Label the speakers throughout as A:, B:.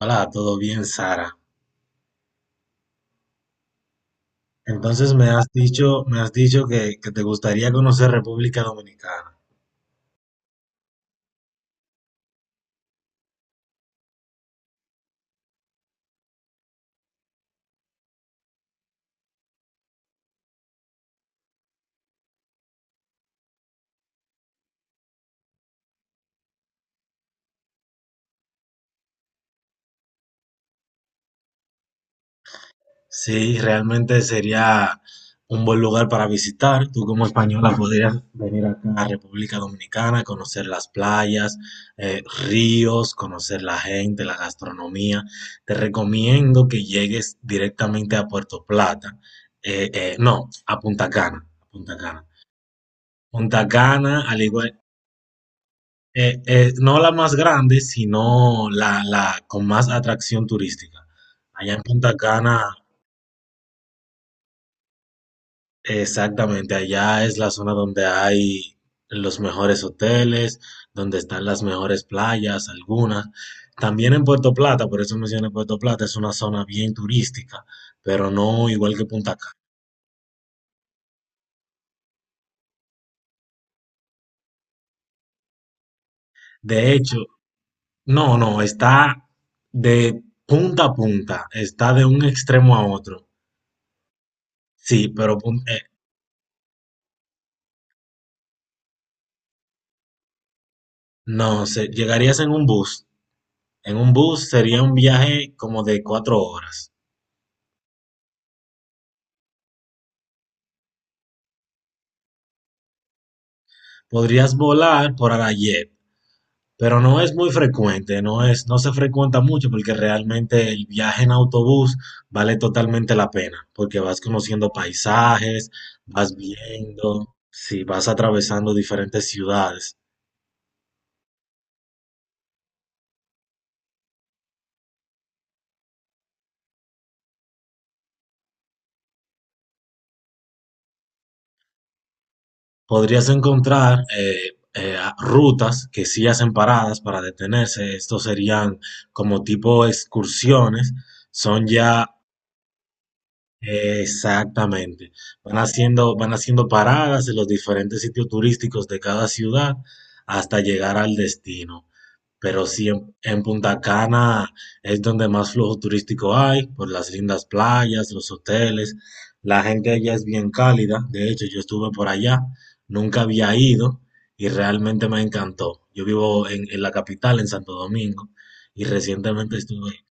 A: Hola, ¿todo bien, Sara? Entonces me has dicho que te gustaría conocer República Dominicana. Sí, realmente sería un buen lugar para visitar. Tú como española podrías venir acá a República Dominicana, conocer las playas, eh, ríos, conocer la gente, la gastronomía. Te recomiendo que llegues directamente a Puerto Plata. No, a Punta Cana, a Punta Cana. Punta Cana, al igual, no la más grande, sino la con más atracción turística. Allá en Punta Cana, exactamente, allá es la zona donde hay los mejores hoteles, donde están las mejores playas, algunas. También en Puerto Plata, por eso mencioné Puerto Plata, es una zona bien turística, pero no igual que Punta Cana. De hecho, no, no, está de punta a punta, está de un extremo a otro. Sí, pero no, llegarías en un bus. En un bus sería un viaje como de 4 horas. Podrías volar por Arayet, pero no es muy frecuente, no se frecuenta mucho porque realmente el viaje en autobús vale totalmente la pena, porque vas conociendo paisajes, vas viendo, si vas atravesando diferentes ciudades. Podrías encontrar rutas que sí hacen paradas para detenerse. Estos serían como tipo excursiones. Son ya exactamente. Van haciendo paradas en los diferentes sitios turísticos de cada ciudad hasta llegar al destino. Pero sí, en Punta Cana es donde más flujo turístico hay, por las lindas playas, los hoteles. La gente allá es bien cálida. De hecho, yo estuve por allá, nunca había ido y realmente me encantó. Yo vivo en la capital, en Santo Domingo, y recientemente estuve.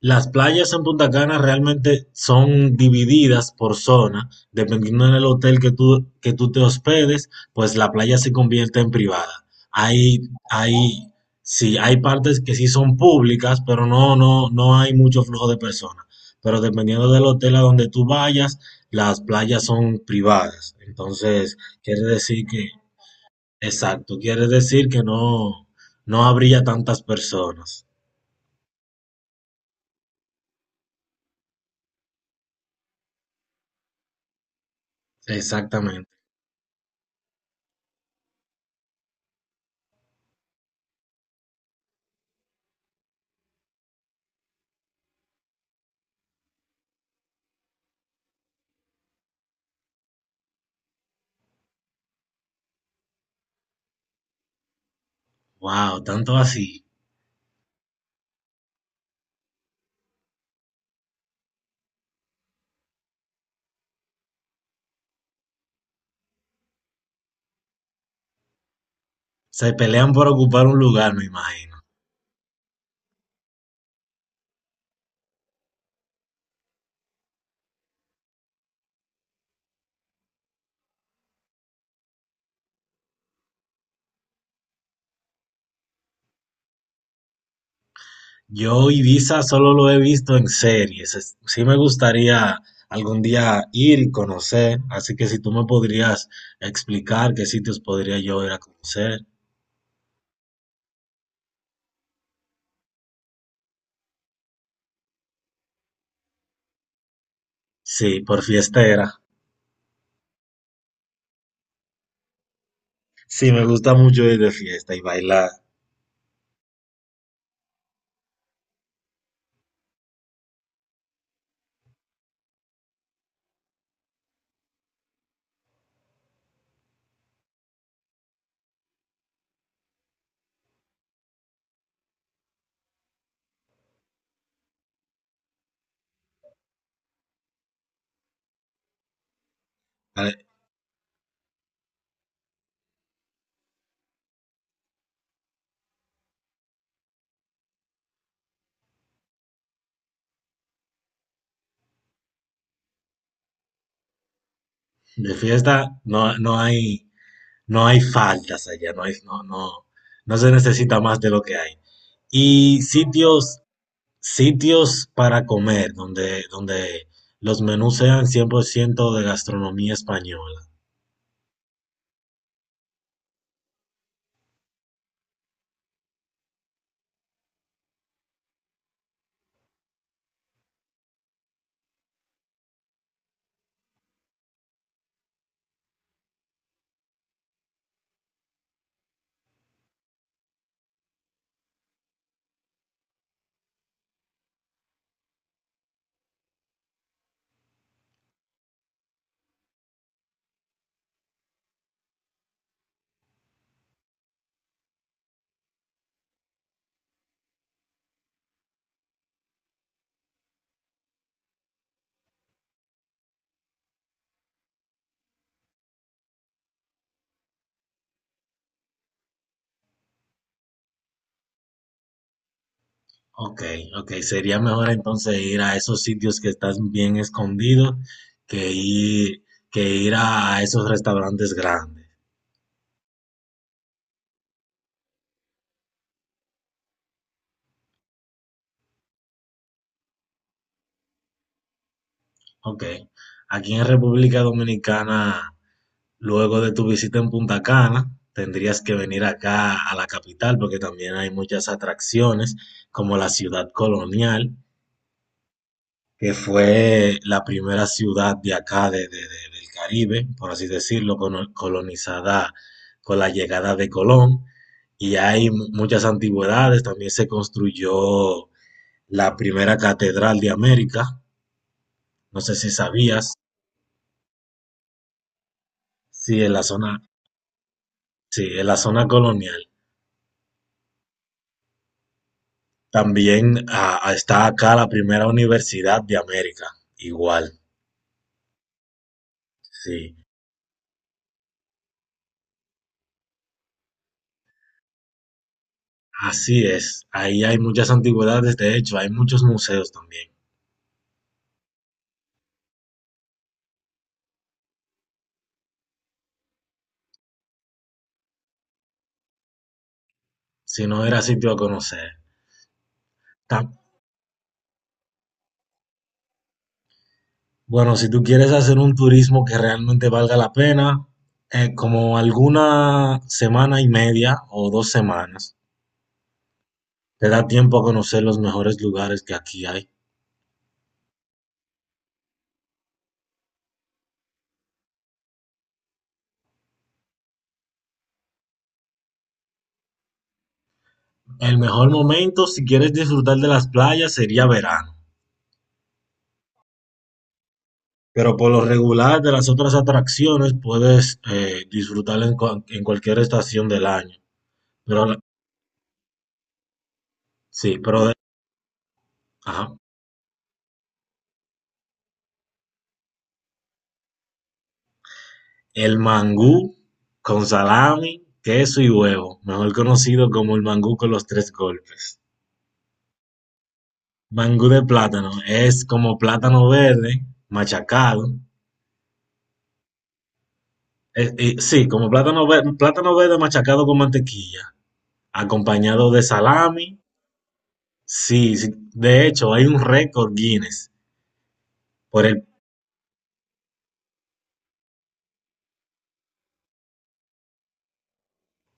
A: Las playas en Punta Cana realmente son divididas por zona, dependiendo del hotel que tú te hospedes, pues la playa se convierte en privada. Hay, hay, sí, hay partes que sí son públicas, pero no hay mucho flujo de personas. Pero dependiendo del hotel a donde tú vayas, las playas son privadas. Entonces, quiere decir que, exacto, quiere decir que no, no habría tantas personas. Exactamente. Wow, tanto así. Se pelean por ocupar un lugar, me imagino. Yo Ibiza solo lo he visto en series. Sí me gustaría algún día ir y conocer, así que si tú me podrías explicar qué sitios podría yo ir a conocer. Sí, por fiestera. Sí, me gusta mucho ir de fiesta y bailar. A ver, de fiesta no, no hay, no hay faltas allá, no hay, no, no, no se necesita más de lo que hay. Y sitios sitios para comer donde los menús sean 100% de gastronomía española. Okey, okey, sería mejor entonces ir a esos sitios que están bien escondidos que ir que ir a esos restaurantes grandes. Okey. Aquí en República Dominicana, luego de tu visita en Punta Cana, tendrías que venir acá a la capital, porque también hay muchas atracciones, como la Ciudad Colonial, que fue la primera ciudad de acá, del Caribe, por así decirlo, colonizada con la llegada de Colón. Y hay muchas antigüedades, también se construyó la primera catedral de América, no sé si sabías, sí, en la zona, sí, en la zona colonial. También está acá la primera universidad de América, igual, sí. Así es, ahí hay muchas antigüedades, de hecho, hay muchos museos también. Si no era sitio a conocer. Ta- Bueno, si tú quieres hacer un turismo que realmente valga la pena, como alguna semana y media o 2 semanas, te da tiempo a conocer los mejores lugares que aquí hay. El mejor momento, si quieres disfrutar de las playas, sería verano. Pero por lo regular de las otras atracciones puedes disfrutar en, en cualquier estación del año. Pero sí, pero de- ajá. El mangú con salami, queso y huevo, mejor conocido como el mangú con los tres golpes. Mangú de plátano, es como plátano verde machacado, sí, como plátano verde machacado con mantequilla, acompañado de salami. Sí, sí, de hecho hay un récord Guinness por el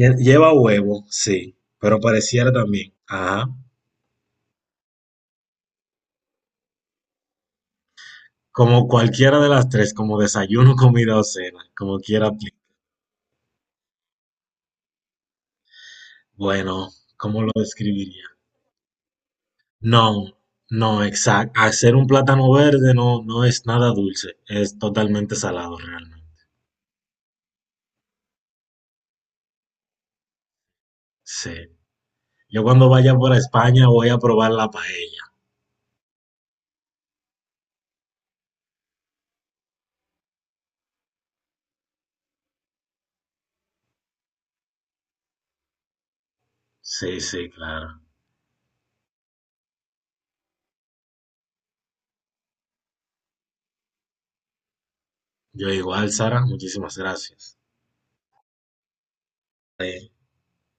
A: lleva huevo, sí, pero pareciera también, ajá, como cualquiera de las tres, como desayuno, comida o cena, como quiera aplica. Bueno, ¿cómo lo describiría? No, no, exacto. Hacer un plátano verde no, no es nada dulce, es totalmente salado realmente. Sí. Yo cuando vaya por España voy a probar la paella. Sí, sí, claro. Yo igual, Sara, muchísimas gracias. Sí.